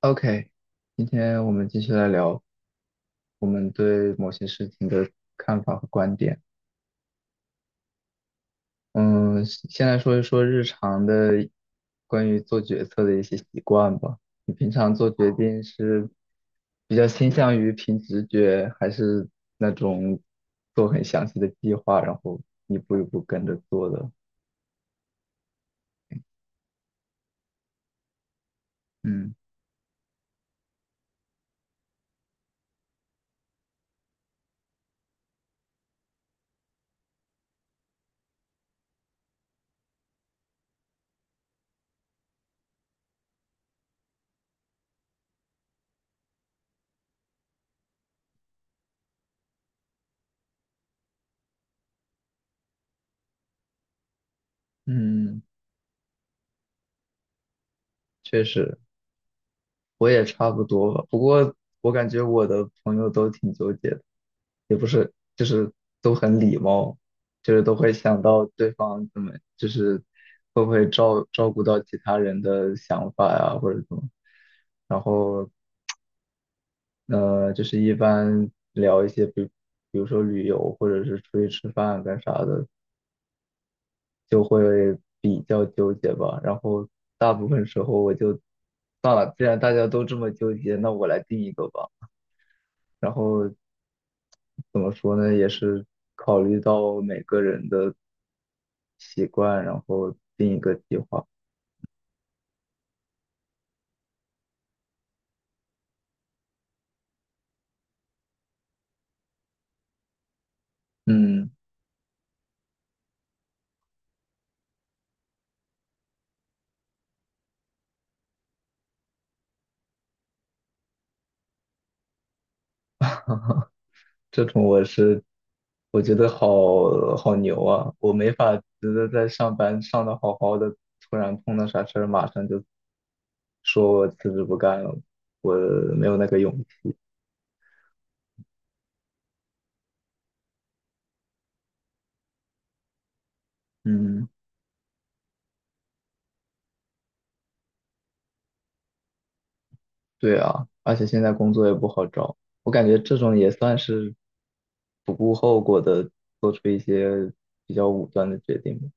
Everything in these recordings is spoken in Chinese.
OK，今天我们继续来聊我们对某些事情的看法和观点。嗯，先来说一说日常的关于做决策的一些习惯吧。你平常做决定是比较倾向于凭直觉，还是那种做很详细的计划，然后一步一步跟着做的？嗯嗯，确实。我也差不多吧，不过我感觉我的朋友都挺纠结的，也不是，就是都很礼貌，就是都会想到对方怎么，就是会不会照顾到其他人的想法呀、或者怎么，然后就是一般聊一些，比如说旅游或者是出去吃饭干啥的，就会比较纠结吧，然后大部分时候我就算了，既然大家都这么纠结，那我来定一个吧。然后怎么说呢，也是考虑到每个人的习惯，然后定一个计划。嗯，这种我觉得好牛啊，我没法觉得在上班上的好好的，突然碰到啥事儿，马上就说我辞职不干了，我没有那个勇气。嗯，对啊，而且现在工作也不好找，我感觉这种也算是不顾后果的做出一些比较武断的决定吧。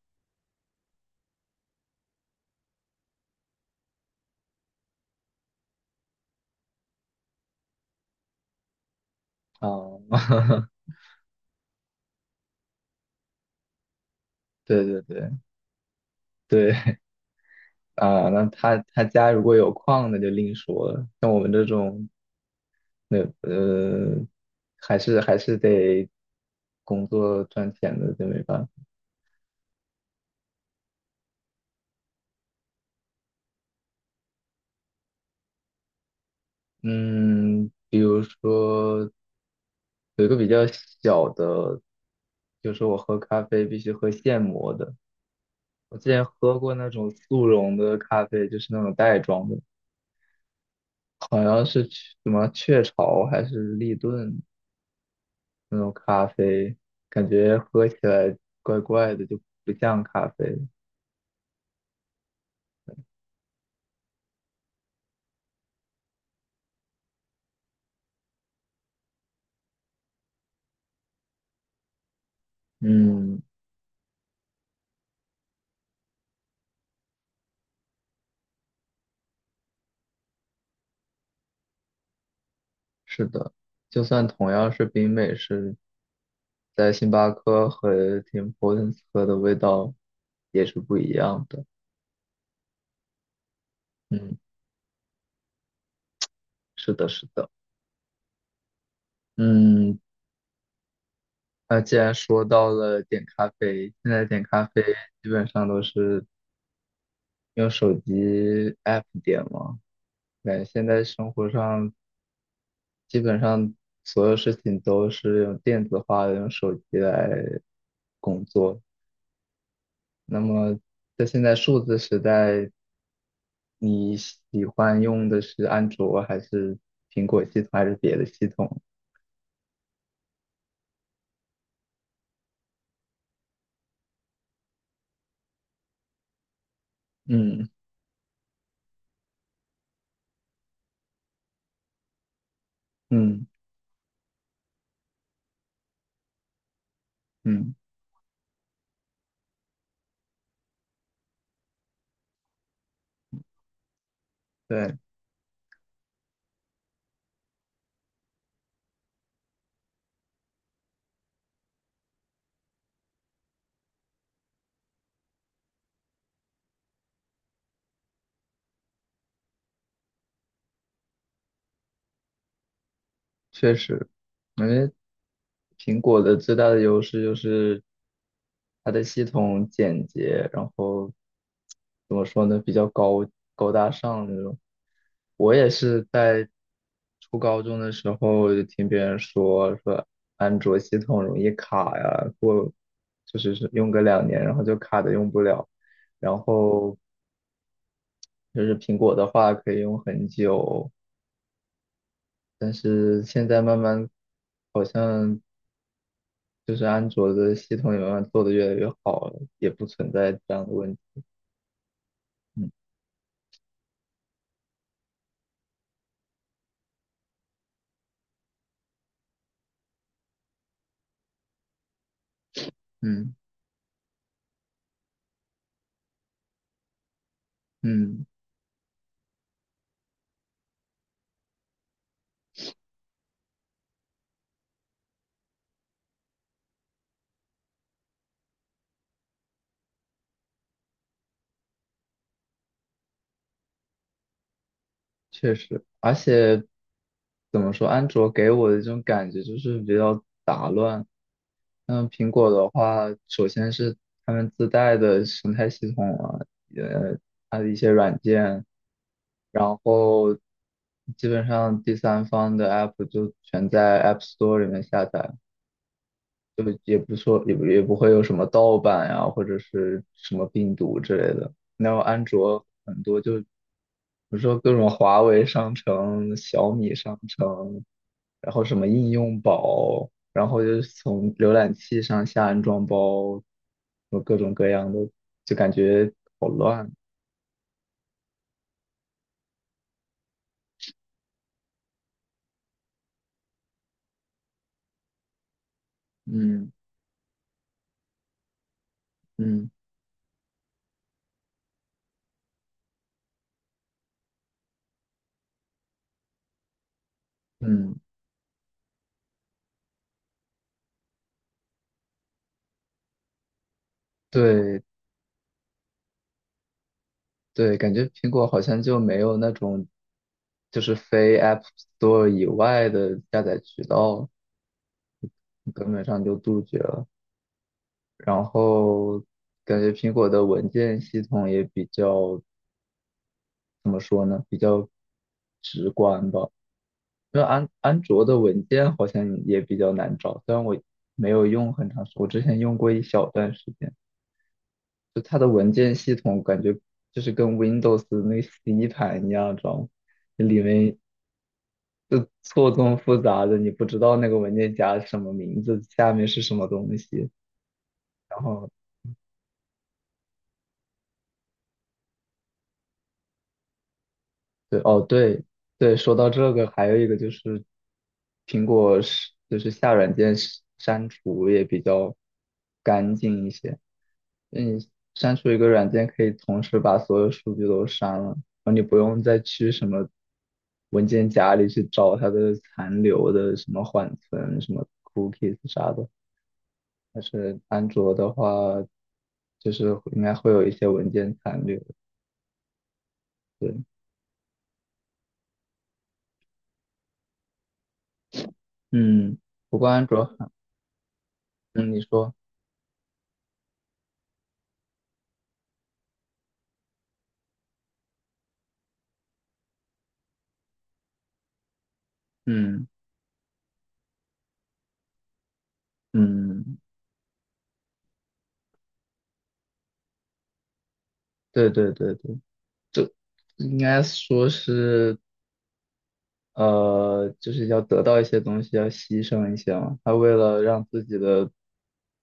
哦，对对对对啊，那他家如果有矿，那就另说了。像我们这种，那还是得工作赚钱的，就没办法。嗯，比如说有一个比较小的，就是我喝咖啡必须喝现磨的。我之前喝过那种速溶的咖啡，就是那种袋装的，好像是什么雀巢还是立顿。那种咖啡，感觉喝起来怪怪的，就不像咖啡。嗯，是的，就算同样是冰美式，在星巴克和 Tim Hortons 喝的味道也是不一样的。嗯，是的，是的。嗯，那既然说到了点咖啡，现在点咖啡基本上都是用手机 app 点嘛。感觉现在生活上基本上所有事情都是用电子化的，用手机来工作。那么在现在数字时代，你喜欢用的是安卓还是苹果系统还是别的系统？嗯嗯嗯，对。确实，因为苹果的最大的优势就是它的系统简洁，然后怎么说呢，比较高大上那种。我也是在初高中的时候就听别人说安卓系统容易卡呀，就是用个两年，然后就卡的用不了。然后就是苹果的话可以用很久，但是现在慢慢好像就是安卓的系统也慢慢做的越来越好了，也不存在这样的问题。嗯嗯嗯，确实，而且怎么说，安卓给我的这种感觉就是比较杂乱。嗯，苹果的话，首先是他们自带的生态系统啊，呃，它的一些软件，然后基本上第三方的 app 就全在 App Store 里面下载。就也不说也不也不会有什么盗版呀、或者是什么病毒之类的。然后安卓很多就，比如说各种华为商城、小米商城，然后什么应用宝，然后就是从浏览器上下安装包，有各种各样的，就感觉好乱。嗯嗯嗯，对对，感觉苹果好像就没有那种，就是非 App Store 以外的下载渠道。根本上就杜绝了。然后感觉苹果的文件系统也比较，怎么说呢，比较直观吧。因为安卓的文件好像也比较难找，虽然我没有用很长时间，我之前用过一小段时间，就它的文件系统感觉就是跟 Windows 那个 C 盘一样，知道吗？里面就错综复杂的，你不知道那个文件夹是什么名字，下面是什么东西。然后对，哦，对对，说到这个，还有一个就是苹果是就是下软件删除也比较干净一些。你删除一个软件可以同时把所有数据都删了，然后你不用再去什么文件夹里去找它的残留的什么缓存、什么 cookies 啥的。但是安卓的话，就是应该会有一些文件残留。对，嗯，不过安卓还嗯，你说，嗯。嗯，对对对对，就应该说是，就是要得到一些东西，要牺牲一些嘛。他为了让自己的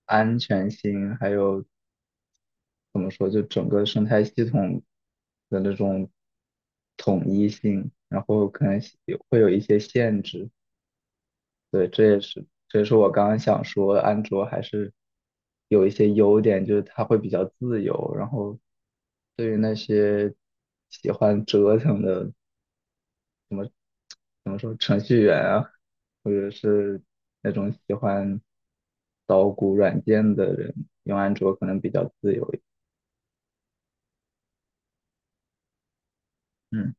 安全性，还有怎么说，就整个生态系统的那种统一性，然后可能会有一些限制。对，这也是我刚刚想说，安卓还是有一些优点，就是它会比较自由。然后对于那些喜欢折腾的，怎么说，程序员啊，或者是那种喜欢捣鼓软件的人，用安卓可能比较自由一点。嗯。